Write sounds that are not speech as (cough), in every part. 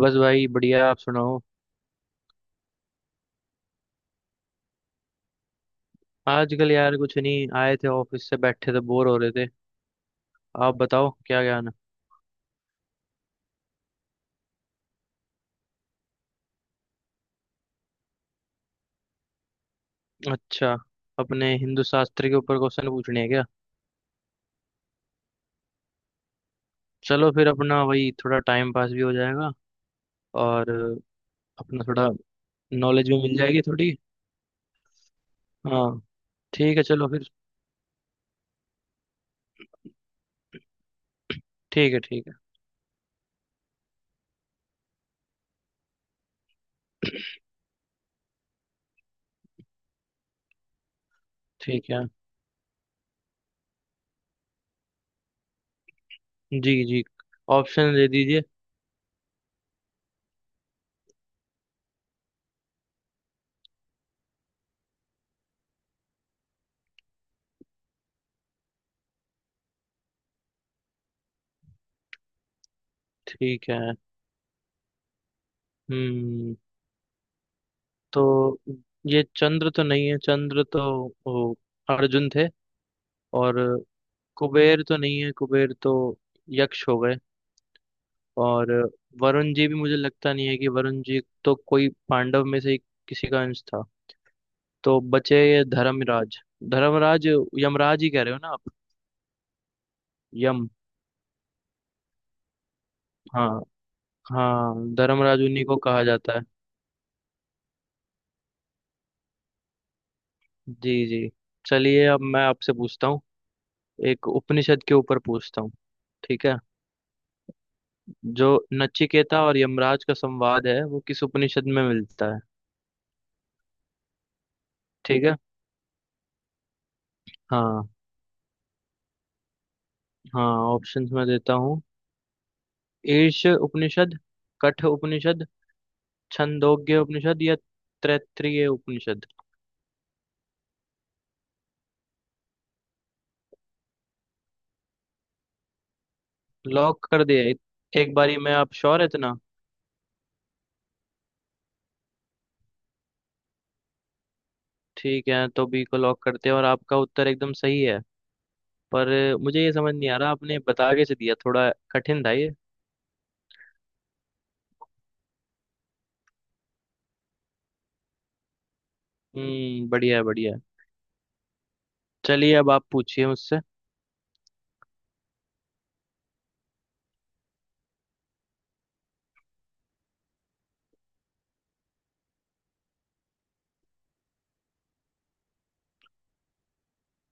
बस भाई बढ़िया, आप सुनाओ। आजकल यार कुछ नहीं, आए थे ऑफिस से, बैठे थे बोर हो रहे थे। आप बताओ क्या ज्ञान है। अच्छा, अपने हिंदू शास्त्र के ऊपर क्वेश्चन पूछने हैं क्या? चलो फिर, अपना वही थोड़ा टाइम पास भी हो जाएगा और अपना थोड़ा नॉलेज भी मिल जाएगी थोड़ी। हाँ, ठीक है चलो फिर। ठीक है ठीक है। जी जी, ऑप्शन दे दीजिए। ठीक है। हम्म, तो ये चंद्र तो नहीं है, चंद्र तो वो अर्जुन थे। और कुबेर तो नहीं है, कुबेर तो यक्ष हो गए। और वरुण जी भी मुझे लगता नहीं है कि, वरुण जी तो कोई पांडव में से किसी का अंश था। तो बचे ये धर्मराज। धर्मराज यमराज ही कह रहे हो ना आप? यम। हाँ, हाँ धर्मराज उन्हीं को कहा जाता है। जी जी, चलिए अब मैं आपसे पूछता हूँ। एक उपनिषद के ऊपर पूछता हूँ, ठीक है। जो नचिकेता और यमराज का संवाद है वो किस उपनिषद में मिलता है? ठीक है। हाँ हाँ, ऑप्शंस मैं देता हूँ। ईर्ष उपनिषद, कठ उपनिषद, छंदोग्य उपनिषद या तैत्तिरीय उपनिषद। लॉक कर दिया एक? एक बारी में आप श्योर है इतना? ठीक है तो बी को लॉक करते हैं और आपका उत्तर एकदम सही है। पर मुझे ये समझ नहीं आ रहा आपने बता कैसे दिया, थोड़ा कठिन था ये। हम्म, बढ़िया है बढ़िया है। चलिए अब आप पूछिए मुझसे।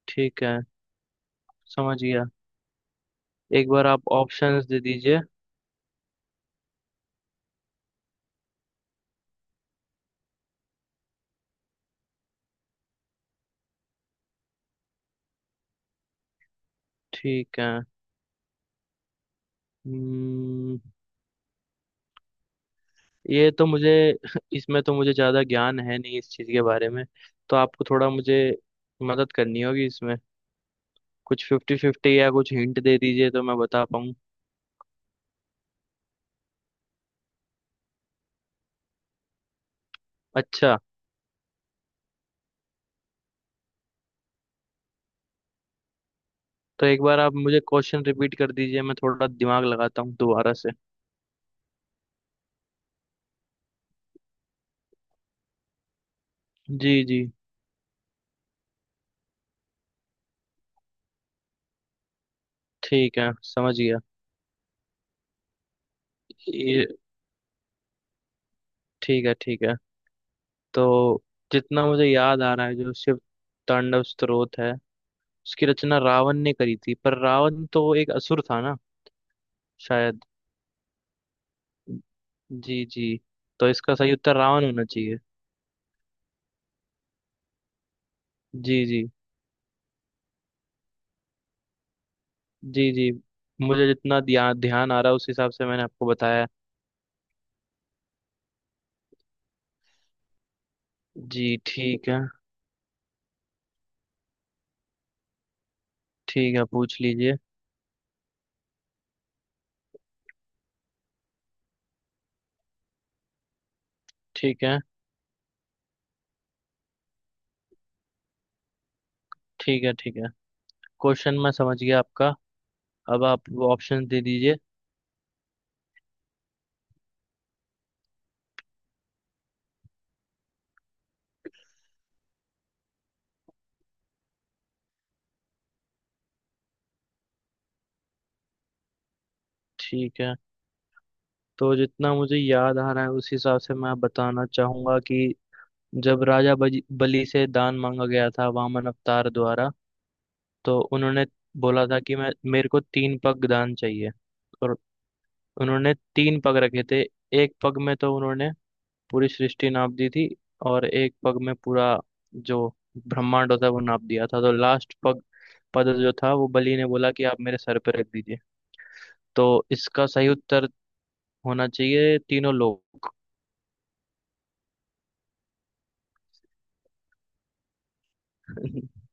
ठीक है समझ गया। एक बार आप ऑप्शंस दे दीजिए। ठीक है। हम्म, ये तो मुझे (laughs) इसमें तो मुझे ज्यादा ज्ञान है नहीं इस चीज के बारे में। तो आपको थोड़ा, मुझे मदद करनी होगी इसमें। कुछ फिफ्टी फिफ्टी या कुछ हिंट दे दीजिए तो मैं बता पाऊँ। अच्छा। तो एक बार आप मुझे क्वेश्चन रिपीट कर दीजिए, मैं थोड़ा दिमाग लगाता हूँ दोबारा से। जी जी। ठीक है समझ गया ये। ठीक है। तो जितना मुझे याद आ रहा है, जो शिव तांडव स्तोत्र है उसकी रचना रावण ने करी थी। पर रावण तो एक असुर था ना, शायद। जी जी, तो इसका सही उत्तर रावण होना चाहिए। जी जी। जी जी, मुझे जितना ध्यान आ रहा है उस हिसाब से मैंने आपको बताया। जी ठीक है, ठीक है पूछ लीजिए। ठीक है ठीक है, क्वेश्चन मैं समझ गया आपका। अब आप ऑप्शन दे दीजिए। ठीक है। तो जितना मुझे याद आ रहा है उस हिसाब से मैं बताना चाहूंगा कि जब राजा बलि से दान मांगा गया था वामन अवतार द्वारा, तो उन्होंने बोला था कि मैं, मेरे को तीन पग दान चाहिए। और उन्होंने तीन पग रखे थे। एक पग में तो उन्होंने पूरी सृष्टि नाप दी थी, और एक पग में पूरा जो ब्रह्मांड होता है वो नाप दिया था। तो लास्ट पग, पद जो था, वो बलि ने बोला कि आप मेरे सर पे रख दीजिए। तो इसका सही उत्तर होना चाहिए तीनों लोग। (laughs)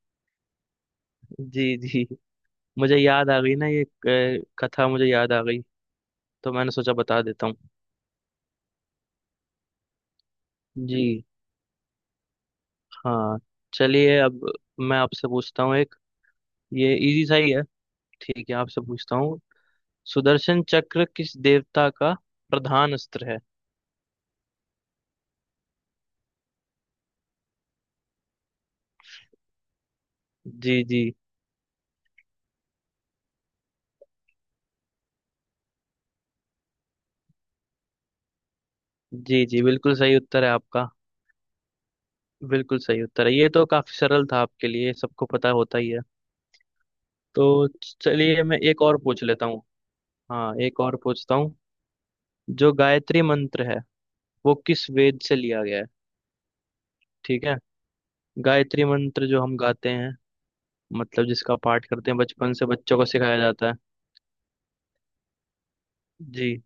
जी जी, मुझे याद आ गई ना ये कथा मुझे याद आ गई तो मैंने सोचा बता देता हूँ। जी। हाँ, चलिए अब मैं आपसे पूछता हूँ एक। ये इजी सा ही है, ठीक है, आपसे पूछता हूँ। सुदर्शन चक्र किस देवता का प्रधान अस्त्र है? जी जी। जी जी, बिल्कुल सही उत्तर है आपका। बिल्कुल सही उत्तर है, ये तो काफी सरल था आपके लिए, सबको पता होता ही है। तो चलिए मैं एक और पूछ लेता हूँ। हाँ, एक और पूछता हूँ। जो गायत्री मंत्र है, वो किस वेद से लिया गया है? ठीक है। गायत्री मंत्र जो हम गाते हैं, मतलब जिसका पाठ करते हैं, बचपन से बच्चों को सिखाया जाता है। जी।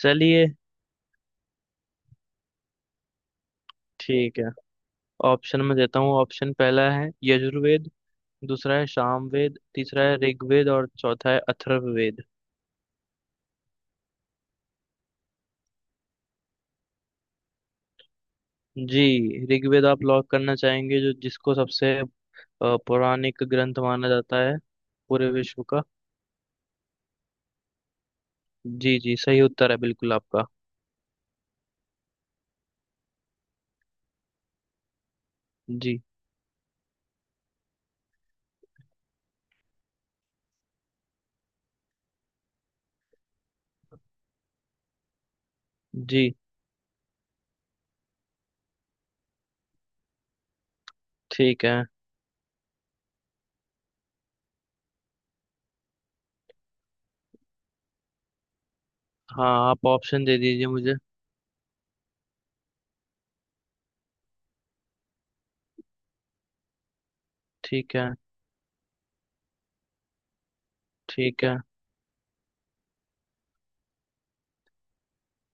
चलिए, ठीक है ऑप्शन में देता हूँ। ऑप्शन पहला है यजुर्वेद, दूसरा है सामवेद, तीसरा है ऋग्वेद और चौथा है अथर्ववेद। जी, ऋग्वेद आप लॉक करना चाहेंगे, जो जिसको सबसे पौराणिक ग्रंथ माना जाता है पूरे विश्व का। जी जी, सही उत्तर है बिल्कुल आपका। जी। जी ठीक है। हाँ, आप ऑप्शन दे दीजिए मुझे। ठीक है। ठीक है।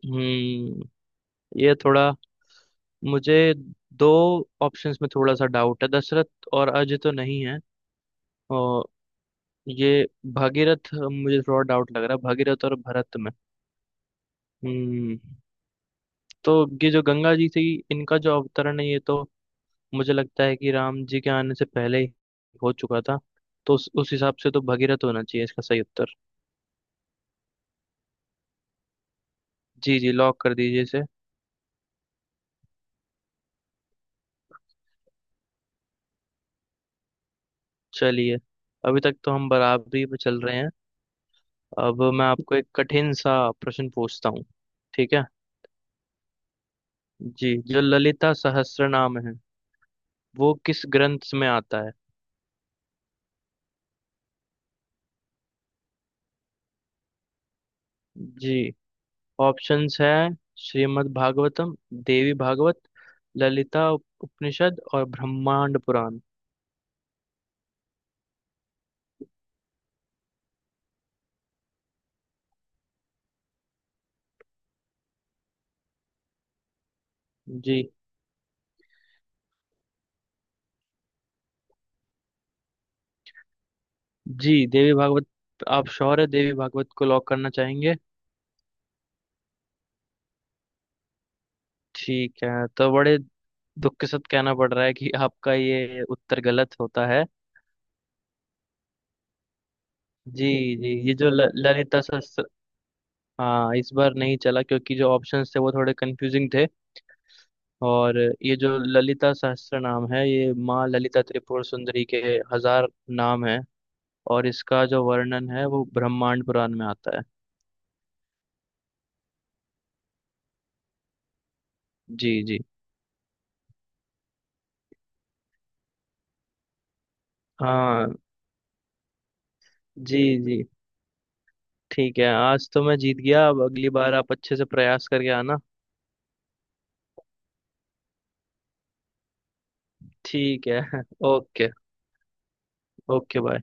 हम्म, ये थोड़ा, मुझे दो ऑप्शंस में थोड़ा सा डाउट है। दशरथ और अजय तो नहीं है। और ये भागीरथ, मुझे थोड़ा डाउट लग रहा है भागीरथ और भरत में। हम्म, तो ये जो गंगा जी से ही इनका जो अवतरण है ये तो मुझे लगता है कि राम जी के आने से पहले ही हो चुका था। तो उस हिसाब से तो भगीरथ होना चाहिए इसका सही उत्तर। जी जी, लॉक कर दीजिए इसे। चलिए, अभी तक तो हम बराबरी पे चल रहे हैं। अब मैं आपको एक कठिन सा प्रश्न पूछता हूँ, ठीक है। जी, जो ललिता सहस्त्रनाम है वो किस ग्रंथ में आता है? जी, ऑप्शंस हैं श्रीमद् भागवतम, देवी भागवत, ललिता उपनिषद और ब्रह्मांड पुराण। जी जी, देवी भागवत? आप श्योर है देवी भागवत को लॉक करना चाहेंगे? ठीक है, तो बड़े दुख के साथ कहना पड़ रहा है कि आपका ये उत्तर गलत होता है। जी जी, ये जो ललिता सहस्त्र, हाँ इस बार नहीं चला क्योंकि जो ऑप्शंस थे वो थोड़े कंफ्यूजिंग थे। और ये जो ललिता सहस्त्र नाम है, ये माँ ललिता त्रिपुर सुंदरी के हजार नाम है। और इसका जो वर्णन है वो ब्रह्मांड पुराण में आता है। जी जी। हाँ। जी जी ठीक है, आज तो मैं जीत गया। अब अगली बार आप अच्छे से प्रयास करके आना। ठीक है। (laughs) ओके। Okay bye.